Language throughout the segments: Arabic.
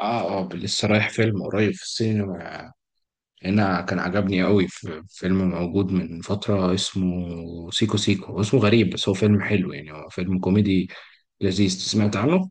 اه، اه، لسه رايح فيلم قريب في السينما هنا. كان عجبني قوي في فيلم موجود من فترة اسمه سيكو سيكو، هو اسمه غريب بس هو فيلم حلو، يعني هو فيلم كوميدي لذيذ. سمعت عنه؟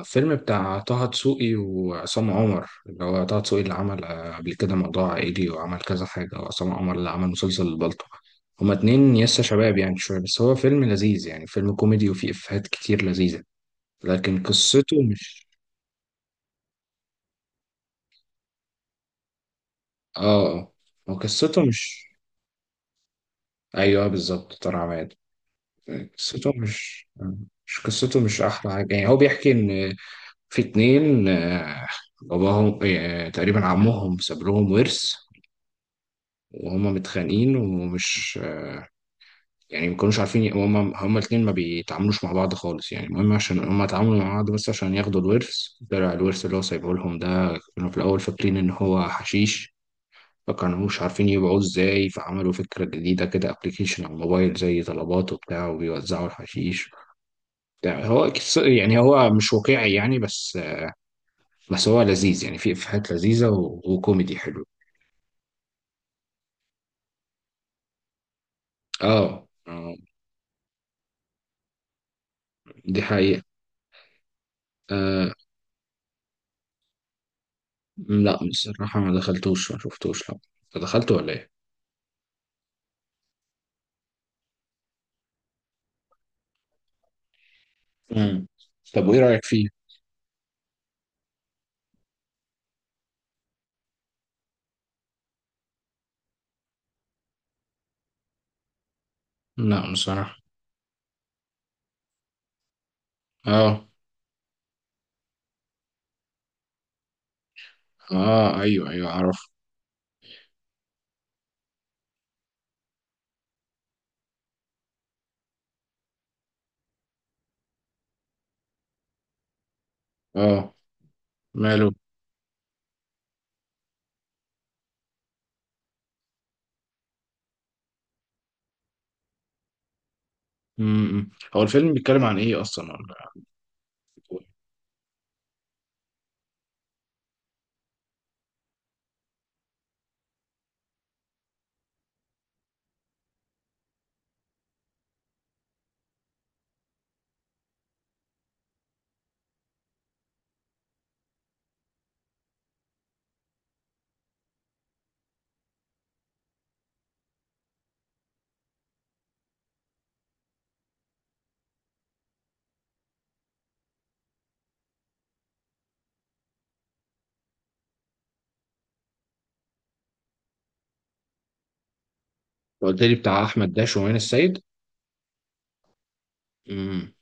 الفيلم بتاع طه دسوقي وعصام عمر، اللي هو طه دسوقي اللي عمل قبل كده موضوع عائلي وعمل كذا حاجة، وعصام عمر اللي عمل مسلسل البلطو. هما اتنين يسا شباب، يعني شوية، بس هو فيلم لذيذ يعني، فيلم كوميدي وفيه إفيهات كتير لذيذة، لكن قصته مش اه آه. هو قصته مش، ايوه بالظبط طارق عماد، قصته مش، مش قصته، مش احلى حاجه يعني. هو بيحكي ان في اتنين باباهم تقريبا عمهم ساب لهم ورث، وهما متخانقين ومش، يعني ما كانوش عارفين هما الاتنين ما بيتعاملوش مع بعض خالص، يعني المهم عشان هما اتعاملوا مع بعض بس عشان ياخدوا الورث. طلع الورث اللي هو سايبه لهم ده، كانوا في الاول فاكرين ان هو حشيش، فكانوش عارفين يبيعوه ازاي، فعملوا فكرة جديدة كده، ابلكيشن على الموبايل زي طلبات وبتاع، وبيوزعوا الحشيش. ده هو يعني هو مش واقعي يعني، بس هو لذيذ يعني، في إفيهات لذيذة وكوميدي حلو. اه. دي حقيقة. آه. لا بصراحة ما دخلتوش، ما شفتوش، لا. انت دخلته ولا ايه؟ مم. طب وايه رأيك فيه؟ لا بصراحة. اه. اه. ايوه ايوه اعرف. اه. ماله. امم. هو الفيلم بيتكلم عن ايه اصلا، ولا؟ قلت لي بتاع احمد داش ومين السيد. امم.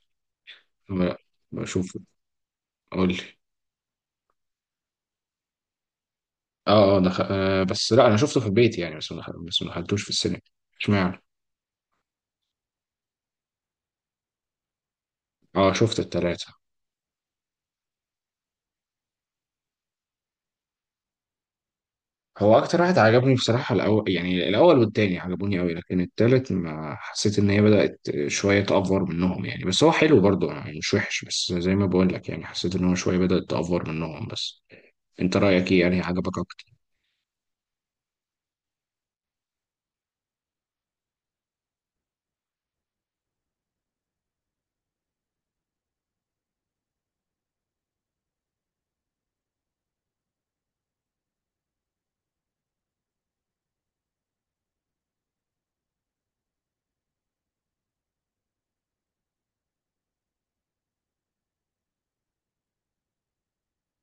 لا. بشوفه. قول لي. اه اه بس لا، انا شفته في البيت يعني، بس ما دخل... بس ما دخلتوش في السينما. اشمعنى. اه، شفت التلاتة. هو اكتر واحد عجبني بصراحة الاول، يعني الاول والتاني عجبوني قوي، لكن التالت ما حسيت ان هي بدأت شوية تأفور منهم يعني، بس هو حلو برضه يعني، مش وحش، بس زي ما بقول لك يعني، حسيت ان هو شوية بدأت تأفور منهم بس. انت رأيك ايه؟ يعني عجبك اكتر؟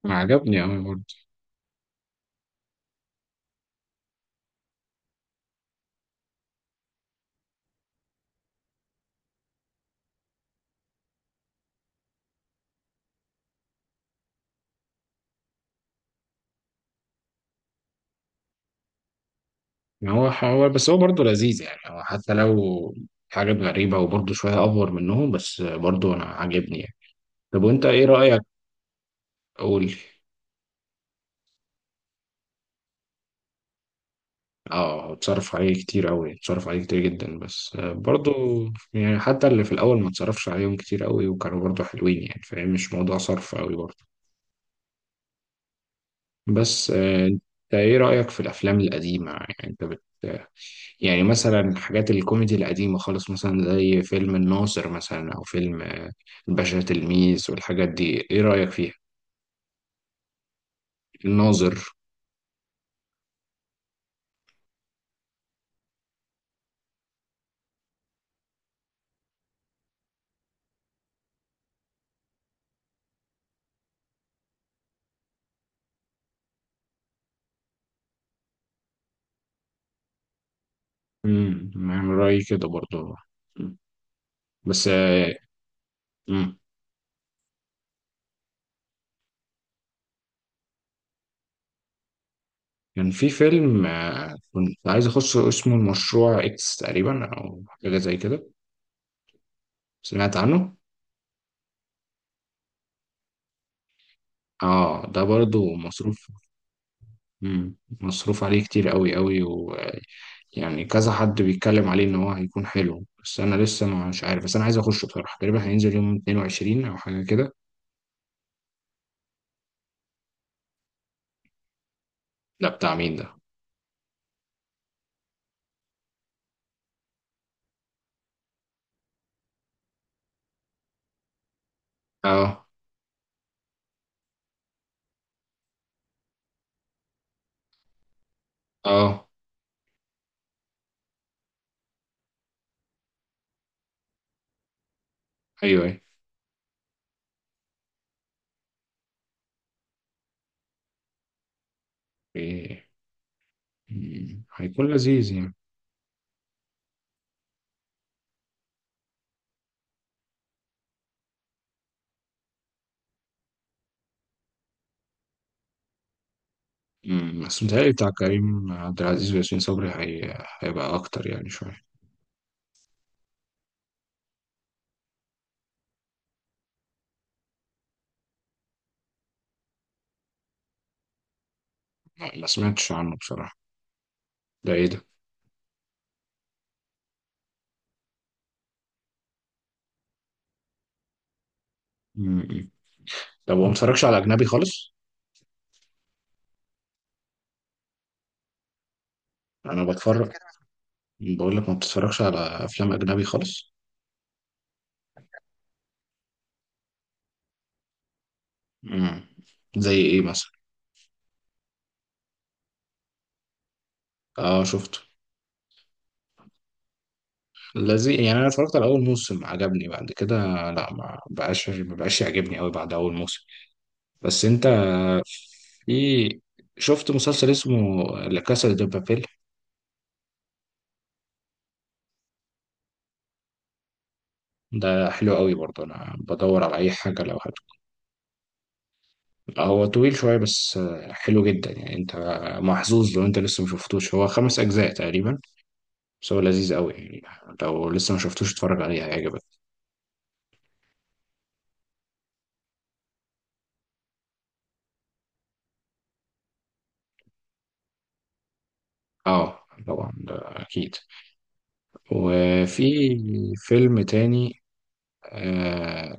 ما عجبني قوي برضه. يعني هو بس هو برضه لذيذ يعني، هو حتى لو حاجات غريبة وبرضه شوية أفور منهم، بس برضه أنا عاجبني يعني. طب وأنت إيه رأيك؟ قول لي. اه، اتصرف عليه كتير قوي، اتصرف عليه كتير جدا، بس برضو، يعني حتى اللي في الاول ما اتصرفش عليهم كتير قوي وكانوا برضو حلوين يعني فاهم، مش موضوع صرف قوي برضو. بس انت، ايه رأيك في الافلام القديمة؟ يعني انت يعني مثلا حاجات الكوميدي القديمة خالص، مثلا زي فيلم الناظر مثلا، او فيلم الباشا تلميذ والحاجات دي، ايه رأيك فيها؟ الناظر. امم، يعني رأيي كده برضو. مم. بس. امم. كان في فيلم كنت عايز اخشه اسمه المشروع اكس، تقريبا او حاجه زي كده. سمعت عنه؟ اه، ده برضو مصروف. مم. مصروف عليه كتير قوي قوي، ويعني كذا حد بيتكلم عليه ان هو هيكون حلو، بس انا لسه مش عارف. بس انا عايز اخشه بصراحه، تقريبا هينزل يوم 22 او حاجه كده. لا، بتاع مين ده؟ اه اه ايوه ايوه. إيه. مم. هيكون لذيذ يعني. مم. بس متهيألي بتاع كريم عبد العزيز وياسمين صبري هيبقى اكتر يعني شويه. لا، ما سمعتش عنه بصراحة. ده ايه ده؟ مم. طب وما بتتفرجش على أجنبي خالص؟ أنا بتفرج. بقول لك، ما بتتفرجش على أفلام أجنبي خالص؟ مم. زي ايه مثلا؟ اه شفته. لذيذ يعني، أنا اتفرجت على أول موسم عجبني، بعد كده لا، ما بقاش ما بقاش يعجبني أوي بعد أول موسم. بس أنت، في، شفت مسلسل اسمه لا كاسا دي بابيل؟ ده حلو أوي برضه، أنا بدور على أي حاجة لو. هو طويل شوية بس حلو جدا يعني، انت محظوظ لو انت لسه ما شفتوش، هو خمس اجزاء تقريبا، بس هو لذيذ قوي يعني. لو لسه ما شفتوش اتفرج عليه هيعجبك. اه طبعا، ده اكيد. وفي فيلم تاني. آه،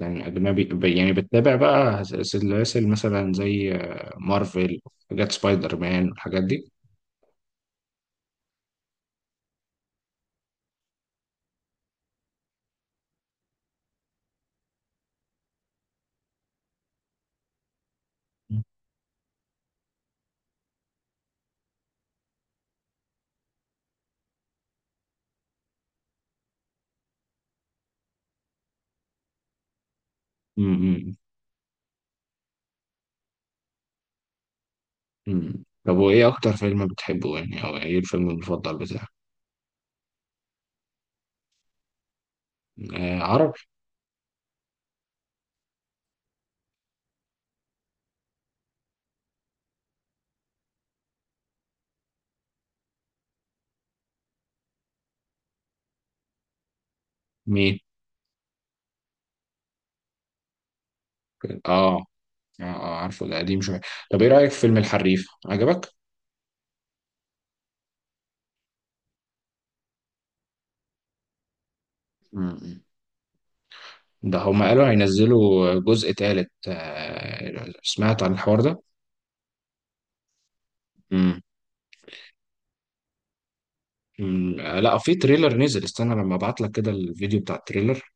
يعني اجنبي يعني بتتابع بقى سلاسل مثلا زي مارفل، حاجات سبايدر مان والحاجات دي؟ امم. امم. طب وايه اكتر فيلم بتحبه يعني، او ايه الفيلم المفضل بتاعك؟ آه عربي. مين؟ اه. اه عارفه ده قديم شوية. طب ايه رأيك في فيلم الحريف، عجبك؟ مم. ده هما قالوا هينزلوا جزء تالت، سمعت عن الحوار ده؟ مم. مم. لا، في تريلر نزل، استنى لما ابعت لك كده الفيديو بتاع التريلر.